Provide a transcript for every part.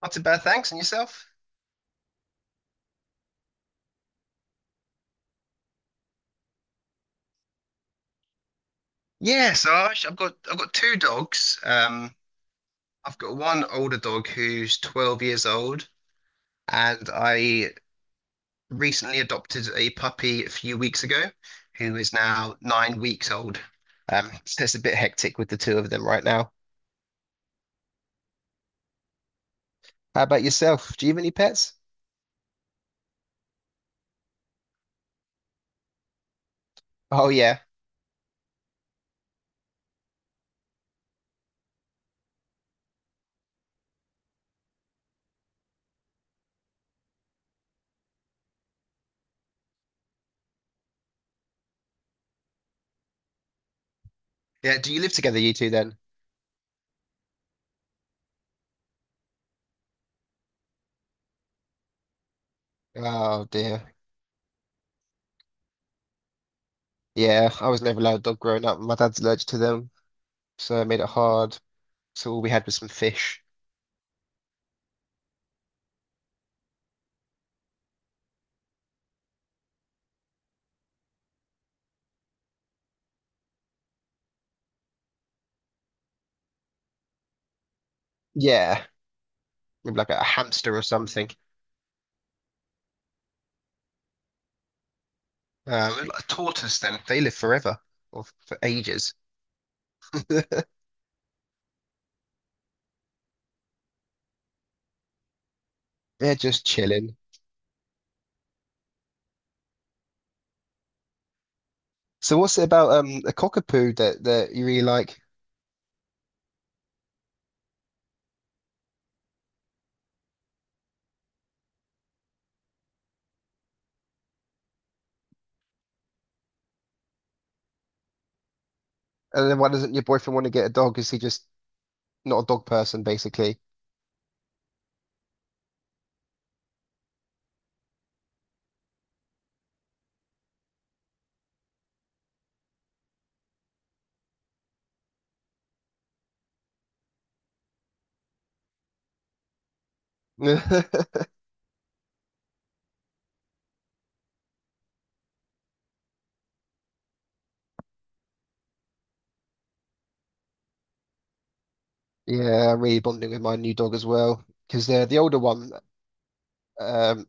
Not too bad, thanks. And yourself? Yeah, so I've got two dogs. I've got one older dog who's 12 years old, and I recently adopted a puppy a few weeks ago, who is now 9 weeks old. So it's a bit hectic with the two of them right now. How about yourself? Do you have any pets? Oh yeah, yeah. Do you live together, you two then? Oh dear. Yeah, I was never allowed a dog growing up. My dad's allergic to them, so it made it hard. So all we had was some fish. Yeah. Maybe like a hamster or something. Maybe like a tortoise then. They live forever or for ages. They're just chilling. So what's it about a cockapoo that you really like? And then why doesn't your boyfriend want to get a dog? Is he just not a dog person basically? Yeah, I'm really bonding with my new dog as well because the older one, um,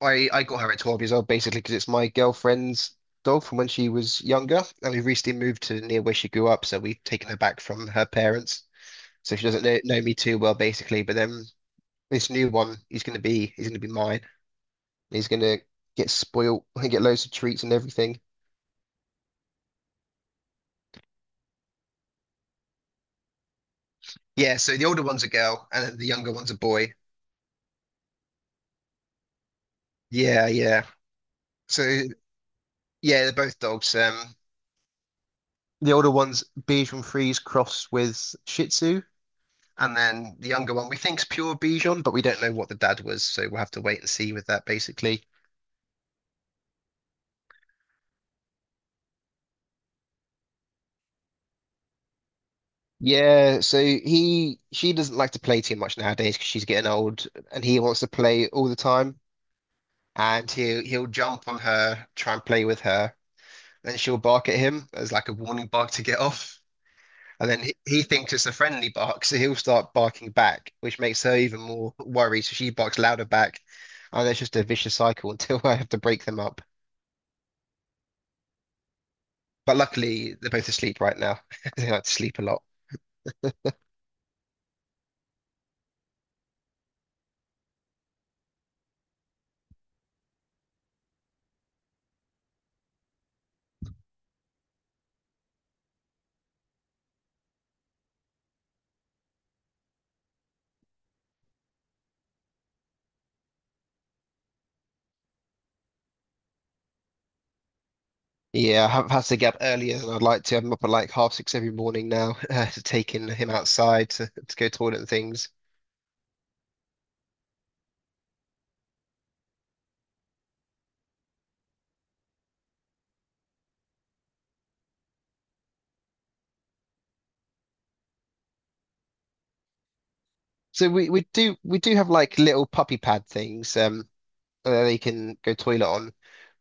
I got her at 12 years old basically because it's my girlfriend's dog from when she was younger, and we recently moved to near where she grew up, so we've taken her back from her parents. So she doesn't know me too well, basically. But then this new one, he's gonna be mine. He's gonna get spoiled and get loads of treats and everything. Yeah, so the older one's a girl and the younger one's a boy. Yeah, yeah. So yeah, they're both dogs. The older one's Bichon Frise crossed with Shih Tzu, and then the younger one we think's pure Bichon, but we don't know what the dad was, so we'll have to wait and see with that basically. Yeah, so he she doesn't like to play too much nowadays because she's getting old, and he wants to play all the time. And he'll jump on her, try and play with her, then she'll bark at him as like a warning bark to get off. And then he thinks it's a friendly bark, so he'll start barking back, which makes her even more worried. So she barks louder back, and it's just a vicious cycle until I have to break them up. But luckily, they're both asleep right now. They like to sleep a lot. Yeah, I haven't passed the gap earlier than I'd like to. I'm up at like half six every morning now, to taking him outside to go toilet and things. So we do have like little puppy pad things that they can go toilet on,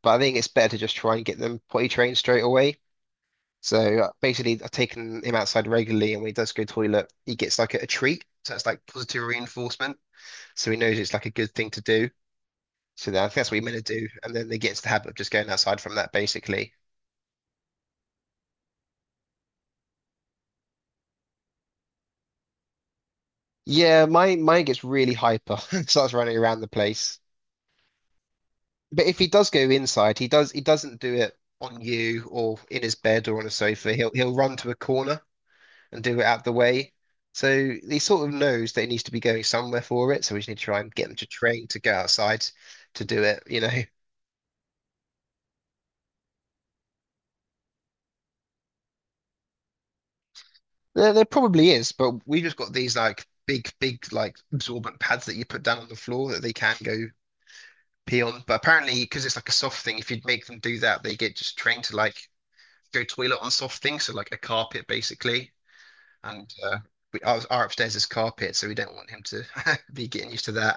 but I think it's better to just try and get them potty trained straight away. So basically, I've taken him outside regularly, and when he does go toilet, he gets like a treat. So it's like positive reinforcement. So he knows it's like a good thing to do. So I think that's what we meant to do, and then they get into the habit of just going outside from that, basically. Yeah, my mine gets really hyper, starts running around the place. But if he does go inside, he doesn't do it on you or in his bed or on a sofa. He'll run to a corner and do it out the way. So he sort of knows that he needs to be going somewhere for it. So we just need to try and get him to train to go outside to do it, you know. There probably is, but we just got these like big like absorbent pads that you put down on the floor that they can go pee on. But apparently, because it's like a soft thing, if you'd make them do that, they get just trained to like go toilet on soft things, so like a carpet basically. And our upstairs is carpet, so we don't want him to be getting used to that.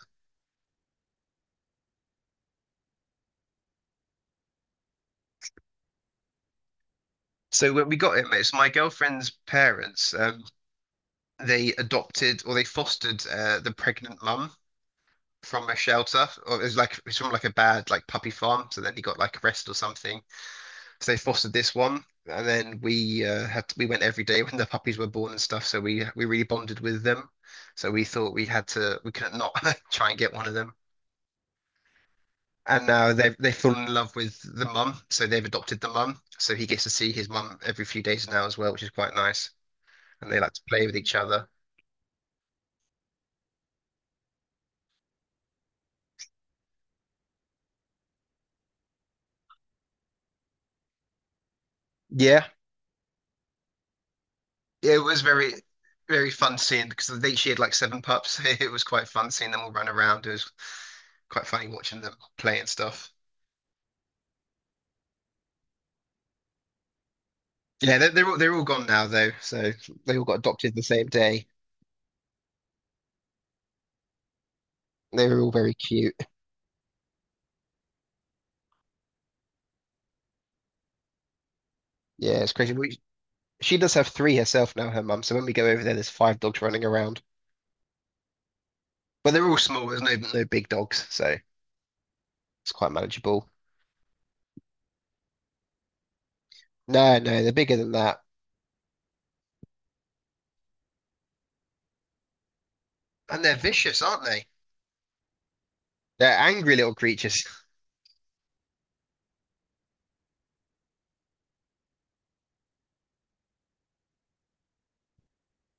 So when we got him. It's my girlfriend's parents. They adopted or they fostered the pregnant mum from a shelter, or it was like it was from like a bad like puppy farm. So then he got like arrested or something. So they fostered this one, and then we we went every day when the puppies were born and stuff. So we really bonded with them. So we thought we had to we couldn't not try and get one of them. And now they've fallen in love with the mum, so they've adopted the mum. So he gets to see his mum every few days now as well, which is quite nice. And they like to play with each other. Yeah, it was very fun seeing because I think she had like seven pups. It was quite fun seeing them all run around. It was quite funny watching them play and stuff. Yeah, they're all gone now though, so they all got adopted the same day. They were all very cute. Yeah, it's crazy. She does have three herself now, her mum. So when we go over there, there's five dogs running around. Well, they're all small. There's no big dogs, so it's quite manageable. No, no, they're bigger than that, and they're vicious, aren't they? They're angry little creatures.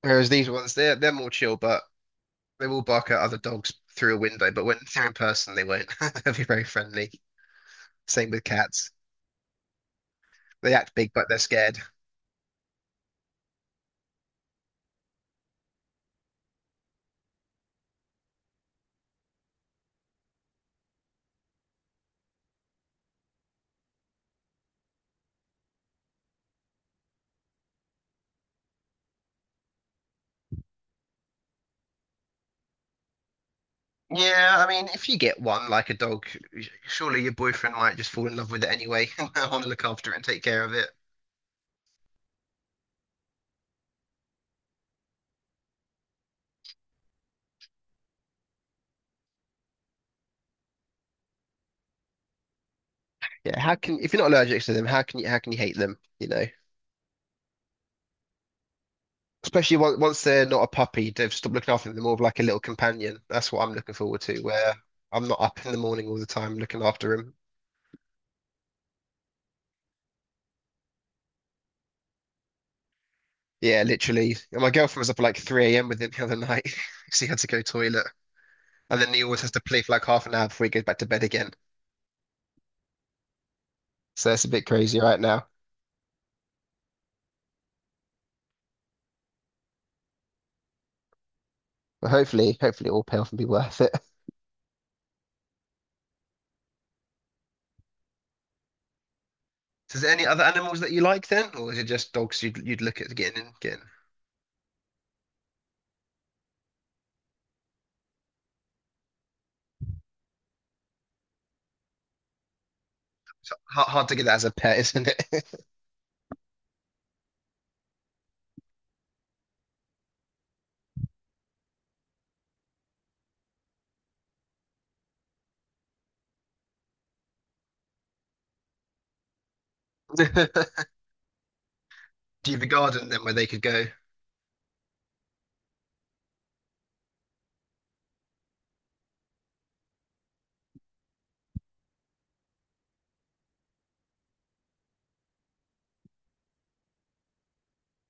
Whereas these ones, they're more chill, but they will bark at other dogs through a window. But when they're in person, they won't. They'll be very friendly. Same with cats. They act big, but they're scared. Yeah, I mean, if you get one like a dog, surely your boyfriend might just fall in love with it anyway and want to look after it and take care of it. Yeah, how can if you're not allergic to them, how can you hate them, you know? Especially once they're not a puppy, they've stopped looking after them. They're more of like a little companion. That's what I'm looking forward to, where I'm not up in the morning all the time looking after him. Yeah, literally. And my girlfriend was up at like 3 a.m. with him the other night because he had to go toilet. And then he always has to play for like half an hour before he goes back to bed again. So that's a bit crazy right now. But hopefully it will pay off and be worth it. So is there any other animals that you like then? Or is it just dogs you'd look at getting getting? It's hard to get that as a pet, isn't it? Do you have a garden then where they could go?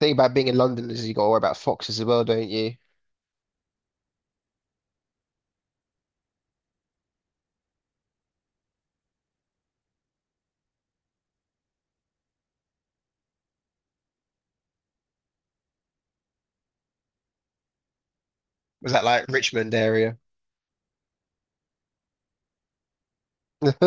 Thing about being in London is you got to worry about foxes as well, don't you? Was that like Richmond area?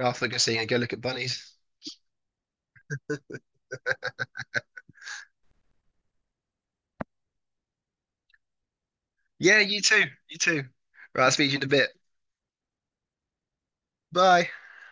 After go see and go look at bunnies. Yeah, you too. You too. Right, I'll speak to you in a bit. Bye.